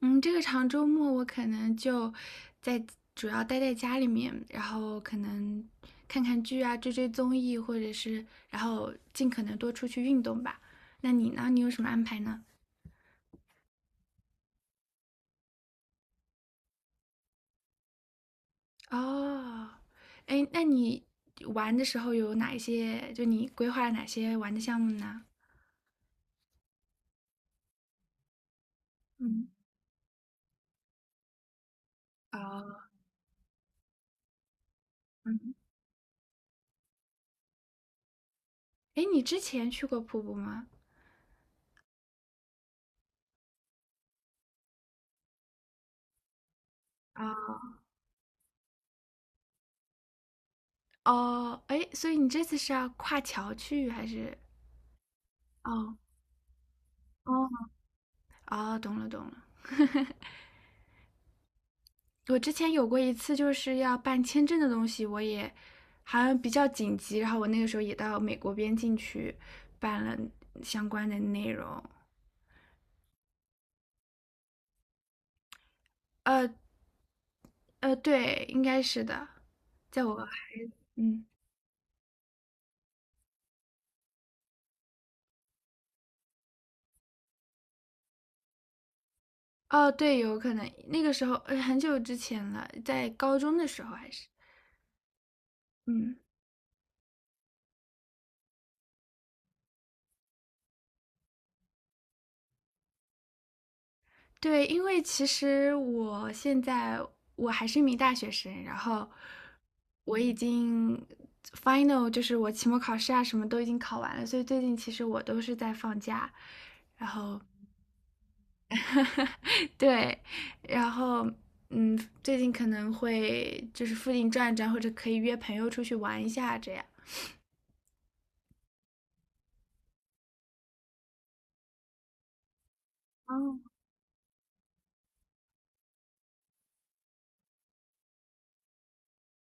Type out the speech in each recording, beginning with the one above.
嗯，这个长周末我可能就在主要待在家里面，然后可能看看剧啊，追追综艺，或者是然后尽可能多出去运动吧。那你呢？你有什么安排呢？哦，哎，那你玩的时候有哪一些？就你规划了哪些玩的项目呢？嗯，哦，嗯，哎，你之前去过瀑布吗？啊，哦，哎，所以你这次是要跨桥去还是？哦，哦，哦，懂了，懂了。我之前有过一次，就是要办签证的东西，我也好像比较紧急，然后我那个时候也到美国边境去办了相关的内容。呃对，应该是的，在我嗯哦，对，有可能那个时候很久之前了，在高中的时候还是嗯。对，因为其实我现在我还是一名大学生，然后我已经 final，就是我期末考试啊什么都已经考完了，所以最近其实我都是在放假，然后 对，然后嗯，最近可能会就是附近转一转，或者可以约朋友出去玩一下这样。哦，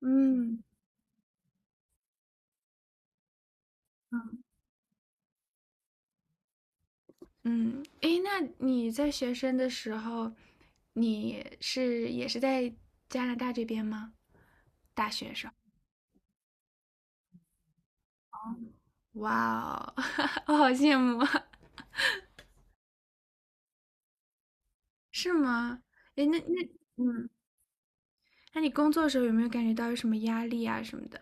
嗯。嗯，诶，那你在学生的时候，你是也是在加拿大这边吗？大学生，哇哦，我好羡慕啊，是吗？诶，那嗯，那你工作的时候有没有感觉到有什么压力啊什么的？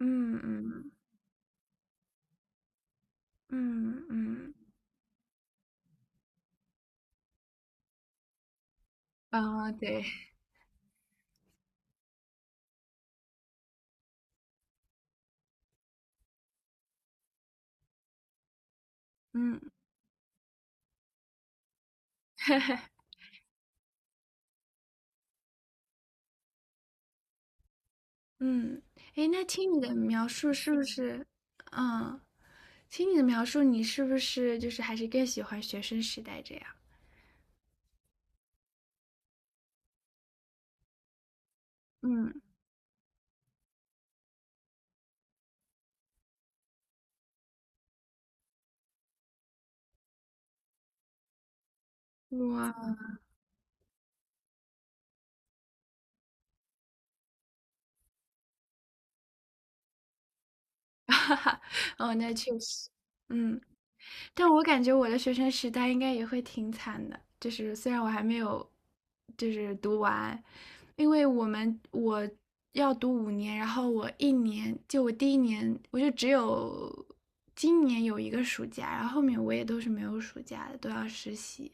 嗯嗯嗯嗯，啊、对，嗯 嗯，诶，那听你的描述是不是，嗯，听你的描述，你是不是就是还是更喜欢学生时代这样？嗯哇，哦，那确实，嗯，但我感觉我的学生时代应该也会挺惨的，就是虽然我还没有，就是读完，因为我们我要读5年，然后我一年，就我第一年，我就只有今年有1个暑假，然后后面我也都是没有暑假的，都要实习。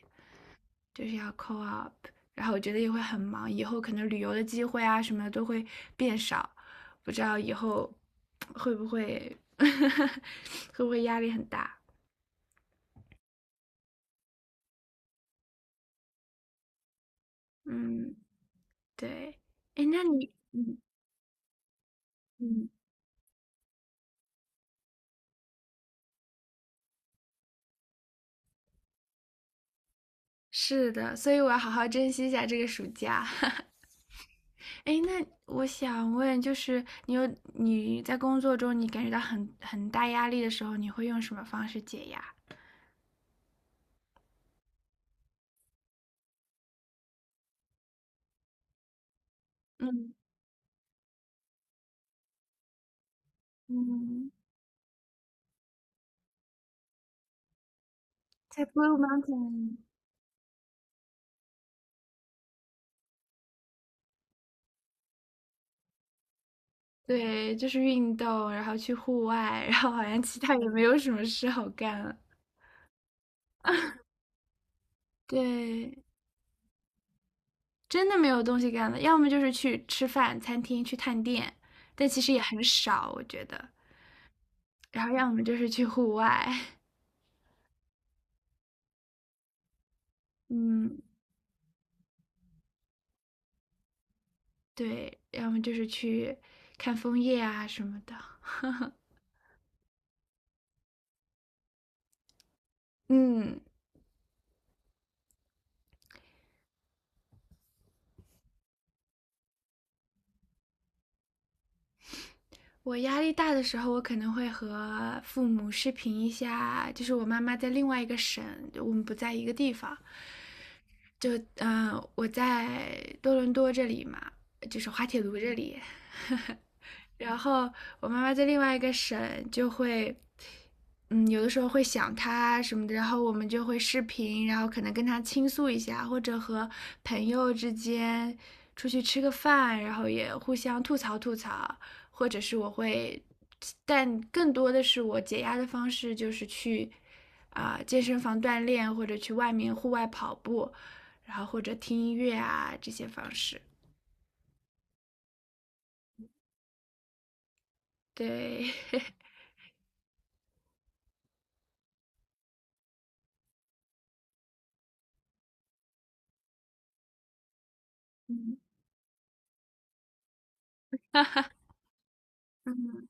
就是要 co-op 然后我觉得也会很忙，以后可能旅游的机会啊什么的都会变少，不知道以后会不会 会不会压力很大？嗯，对，哎，那你，嗯嗯，是的，所以我要好好珍惜一下这个暑假。哎，那我想问，就是你有你在工作中你感觉到很大压力的时候，你会用什么方式解压？嗯嗯，在 Blue Mountain。对，就是运动，然后去户外，然后好像其他也没有什么事好干了。对，真的没有东西干了，要么就是去吃饭，餐厅去探店，但其实也很少，我觉得。然后要么就是去户外，嗯，对，要么就是去看枫叶啊什么的。嗯，我压力大的时候，我可能会和父母视频一下，就是我妈妈在另外一个省，我们不在一个地方。就我在多伦多这里嘛，就是滑铁卢这里，然后我妈妈在另外一个省就会。嗯，有的时候会想她什么的，然后我们就会视频，然后可能跟她倾诉一下，或者和朋友之间出去吃个饭，然后也互相吐槽吐槽，或者是我会，但更多的是我解压的方式就是去健身房锻炼，或者去外面户外跑步，然后或者听音乐啊这些方式。对，嗯嗯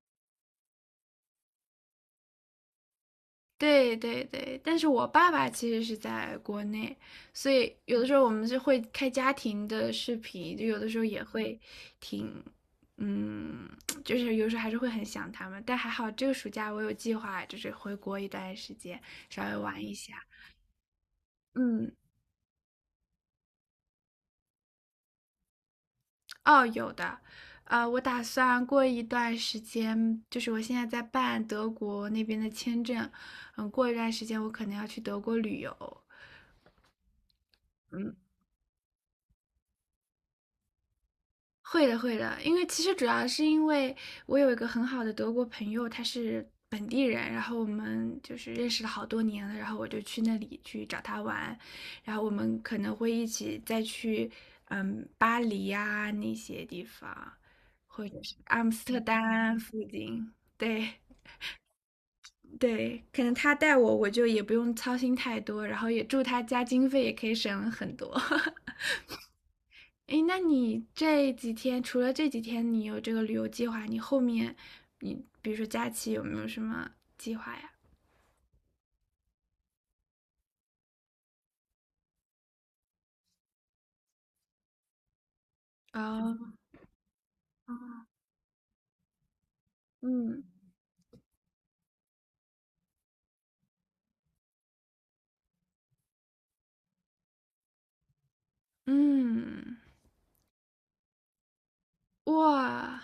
对对对，但是我爸爸其实是在国内，所以有的时候我们就会开家庭的视频，就有的时候也会挺，嗯，就是有时候还是会很想他们。但还好这个暑假我有计划，就是回国一段时间，稍微玩一下。嗯，哦，有的，呃，我打算过一段时间，就是我现在在办德国那边的签证，嗯，过一段时间我可能要去德国旅游，嗯，会的，会的，因为其实主要是因为我有一个很好的德国朋友，他是本地人，然后我们就是认识了好多年了，然后我就去那里去找他玩，然后我们可能会一起再去，嗯，巴黎呀、那些地方，或者是阿姆斯特丹附近，对。对，可能他带我，我就也不用操心太多，然后也住他家，经费也可以省很多。哎，那你这几天除了这几天你有这个旅游计划，你后面你比如说假期有没有什么计划呀？啊，嗯嗯，哇，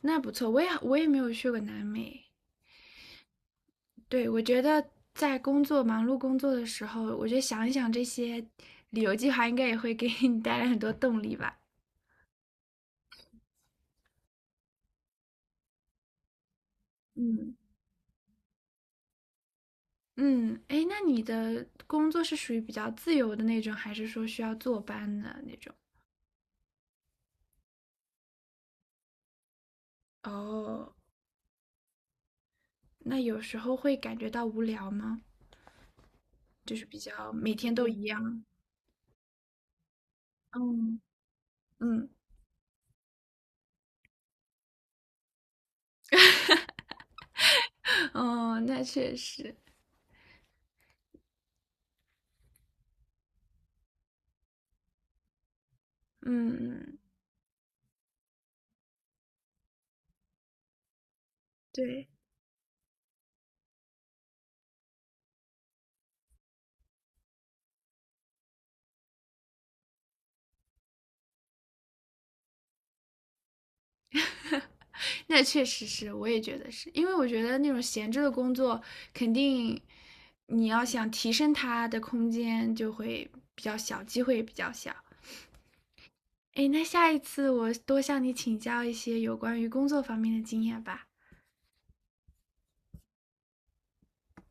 那不错，我也没有去过南美。对，我觉得在工作忙碌工作的时候，我觉得想一想这些旅游计划，应该也会给你带来很多动力吧。嗯。嗯，哎，那你的工作是属于比较自由的那种，还是说需要坐班的那种？哦，那有时候会感觉到无聊吗？就是比较每天都一样。嗯嗯，哦，那确实，嗯，对。那确实是，我也觉得是，因为我觉得那种闲置的工作，肯定你要想提升它的空间就会比较小，机会也比较小。诶，那下一次我多向你请教一些有关于工作方面的经验吧。